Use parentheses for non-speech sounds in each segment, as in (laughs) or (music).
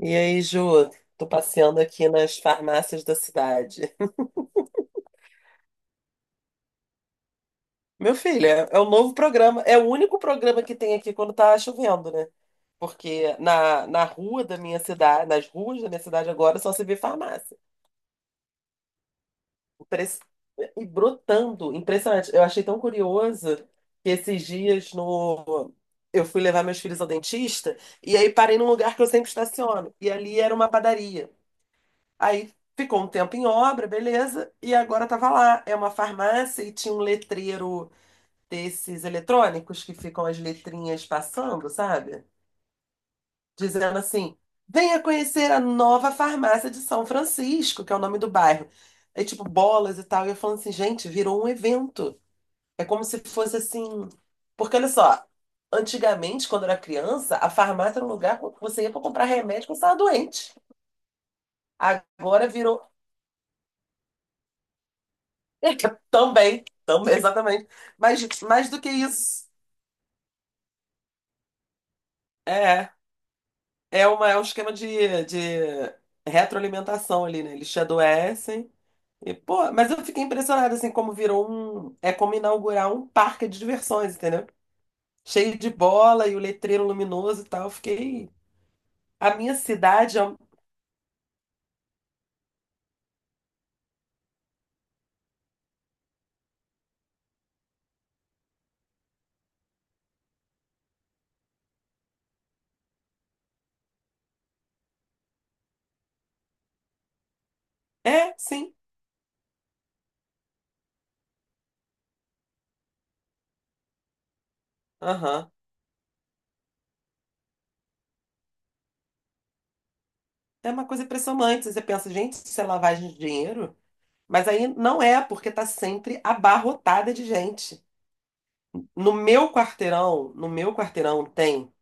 E aí, Ju, tô passeando aqui nas farmácias da cidade. Meu filho, é o novo programa, é o único programa que tem aqui quando tá chovendo, né? Porque na rua da minha cidade, nas ruas da minha cidade agora só se vê farmácia. Impress- E brotando, impressionante. Eu achei tão curioso que esses dias no... eu fui levar meus filhos ao dentista e aí parei num lugar que eu sempre estaciono. E ali era uma padaria. Aí ficou um tempo em obra, beleza, e agora tava lá. É uma farmácia e tinha um letreiro desses eletrônicos que ficam as letrinhas passando, sabe? Dizendo assim: venha conhecer a nova farmácia de São Francisco, que é o nome do bairro. Aí, tipo, bolas e tal. E eu falando assim, gente, virou um evento. É como se fosse assim. Porque olha só, antigamente, quando eu era criança, a farmácia era um lugar que você ia para comprar remédio quando você estava doente. Agora virou (laughs) Também, também, exatamente. Mas mais do que isso, é, é um esquema de retroalimentação ali, né? Eles te adoecem. E, pô, mas eu fiquei impressionada, assim, como virou É como inaugurar um parque de diversões, entendeu? Cheio de bola e o letreiro luminoso e tal. Eu fiquei. A minha cidade é. É, sim. Aham. É uma coisa impressionante. Você pensa, gente, isso é lavagem de dinheiro? Mas aí não é, porque tá sempre abarrotada de gente. No meu quarteirão tem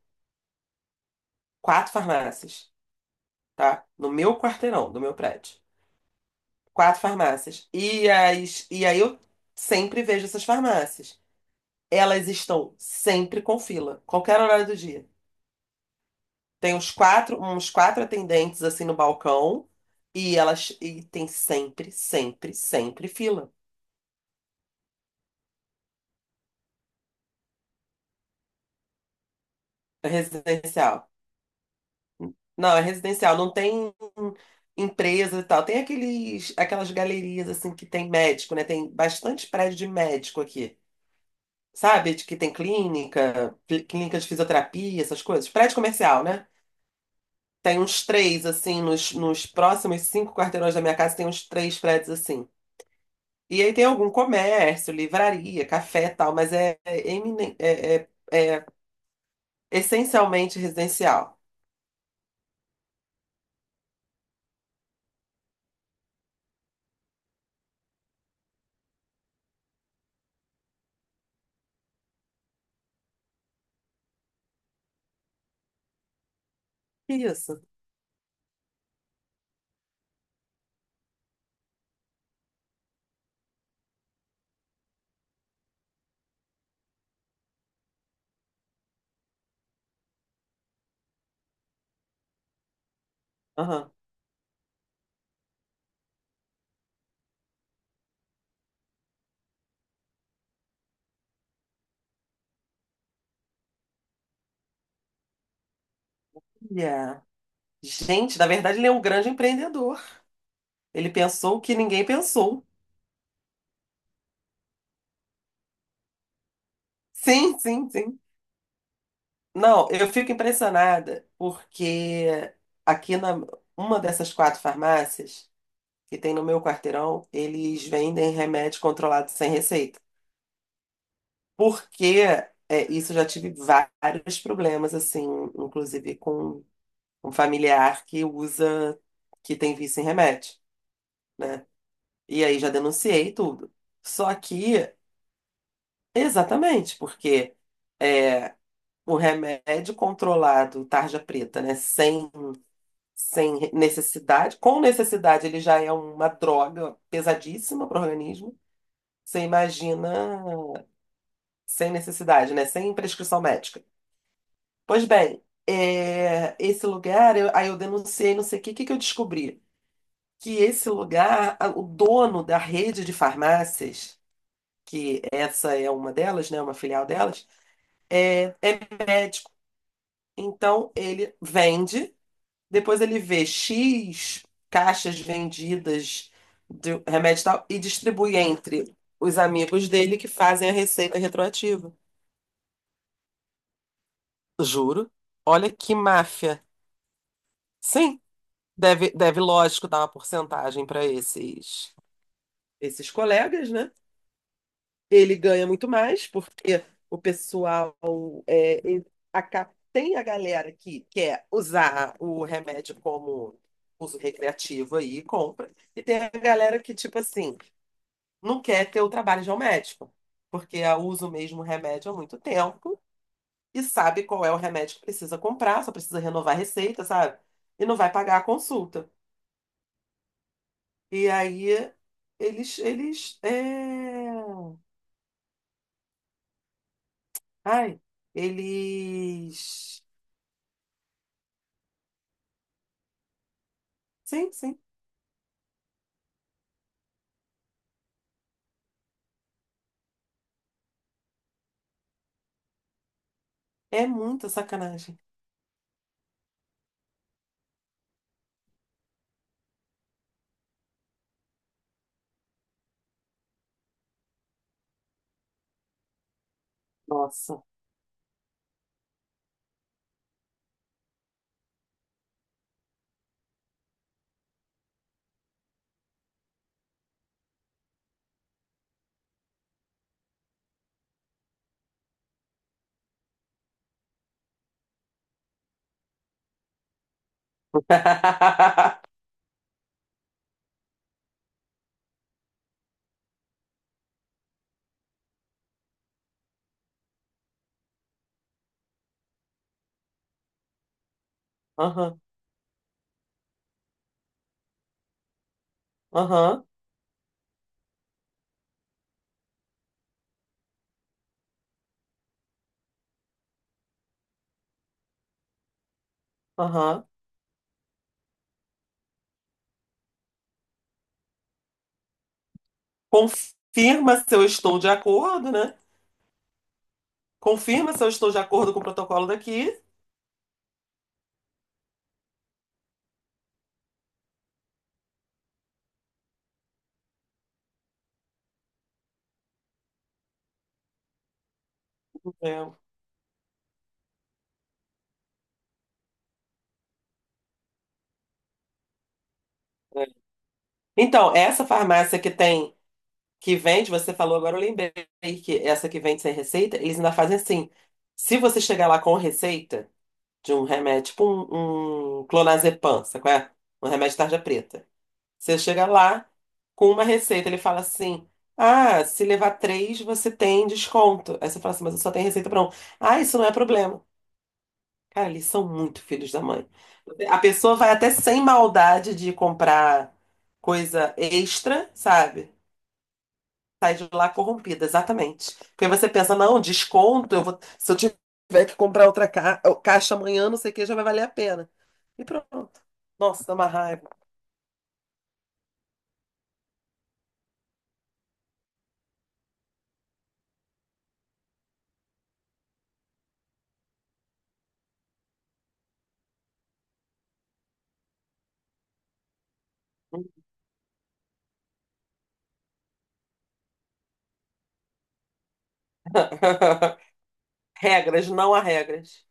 quatro farmácias, tá? No meu quarteirão, do meu prédio. Quatro farmácias. E aí eu sempre vejo essas farmácias. Elas estão sempre com fila, qualquer horário do dia. Tem uns quatro atendentes assim no balcão e elas e tem sempre, sempre, sempre fila. Residencial. Não, é residencial, não tem empresa e tal. Tem aquelas galerias assim que tem médico, né? Tem bastante prédio de médico aqui. Sabe? De Que tem clínica, clínica de fisioterapia, essas coisas. Prédio comercial, né? Tem uns três, assim, nos próximos cinco quarteirões da minha casa, tem uns três prédios assim. E aí tem algum comércio, livraria, café e tal, mas essencialmente residencial. Isso. Aham. Yeah. Gente, na verdade, ele é um grande empreendedor. Ele pensou o que ninguém pensou. Sim, sim, sim. Não, eu fico impressionada porque aqui na uma dessas quatro farmácias que tem no meu quarteirão, eles vendem remédio controlado sem receita. Porque isso eu já tive vários problemas, assim, inclusive com um familiar que tem vício em remédio. E aí já denunciei tudo. Só que, exatamente, porque é, o remédio controlado, tarja preta, né, sem necessidade, com necessidade ele já é uma droga pesadíssima para o organismo. Você imagina sem necessidade, né? Sem prescrição médica. Pois bem, esse lugar, aí eu denunciei, não sei o que que eu descobri? Que esse lugar, o dono da rede de farmácias, que essa é uma delas, né? Uma filial delas, é médico. Então ele vende, depois ele vê X caixas vendidas de remédio e tal e distribui entre os amigos dele que fazem a receita retroativa. Juro. Olha que máfia. Sim. Deve, lógico, dar uma porcentagem para esses colegas, né? Ele ganha muito mais, porque o pessoal ele tem a galera que quer usar o remédio como uso recreativo aí, e compra, e tem a galera que, tipo assim, não quer ter o trabalho de um médico, porque a usa o mesmo remédio há muito tempo e sabe qual é o remédio que precisa comprar, só precisa renovar a receita, sabe? E não vai pagar a consulta. E aí eles, é... ai, eles, sim, sim, é muita sacanagem. Nossa. (laughs) Aham, aham, aham. Confirma se eu estou de acordo, né? Confirma se eu estou de acordo com o protocolo daqui. É, é. Então, essa farmácia que vende, você falou agora, eu lembrei que essa que vende sem receita, eles ainda fazem assim. Se você chegar lá com receita de um remédio, tipo um clonazepam, sabe qual é? Um remédio de tarja preta. Você chega lá com uma receita, ele fala assim: ah, se levar três, você tem desconto. Aí você fala assim, mas eu só tenho receita para um. Ah, isso não é problema. Cara, eles são muito filhos da mãe. A pessoa vai até sem maldade de comprar coisa extra, sabe? Sai de lá corrompida, exatamente. Porque você pensa, não, desconto, eu vou, se eu tiver que comprar outra caixa amanhã, não sei o que, já vai valer a pena. E pronto. Nossa, dá uma raiva. (laughs) Regras, não há regras.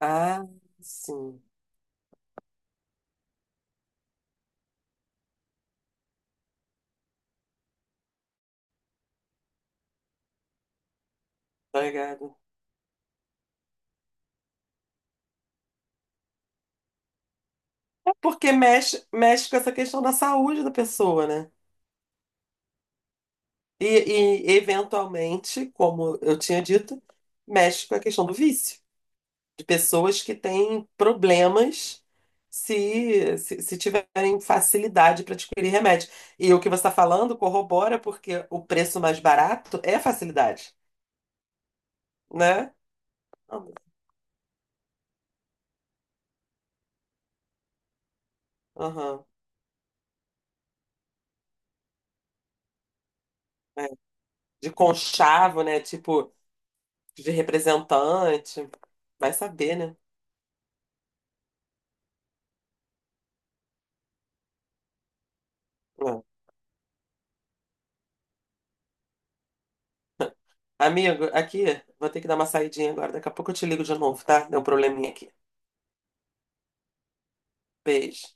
Ah, sim. Obrigada. É porque mexe, mexe com essa questão da saúde da pessoa, né? E, e, eventualmente, como eu tinha dito, mexe com a questão do vício, de pessoas que têm problemas se tiverem facilidade para adquirir remédio. E o que você está falando corrobora porque o preço mais barato é facilidade, né? Aham, é. De conchavo, né? Tipo, de representante. Vai saber, né? É. Amigo, aqui, vou ter que dar uma saidinha agora. Daqui a pouco eu te ligo de novo, tá? Deu um probleminha aqui. Beijo.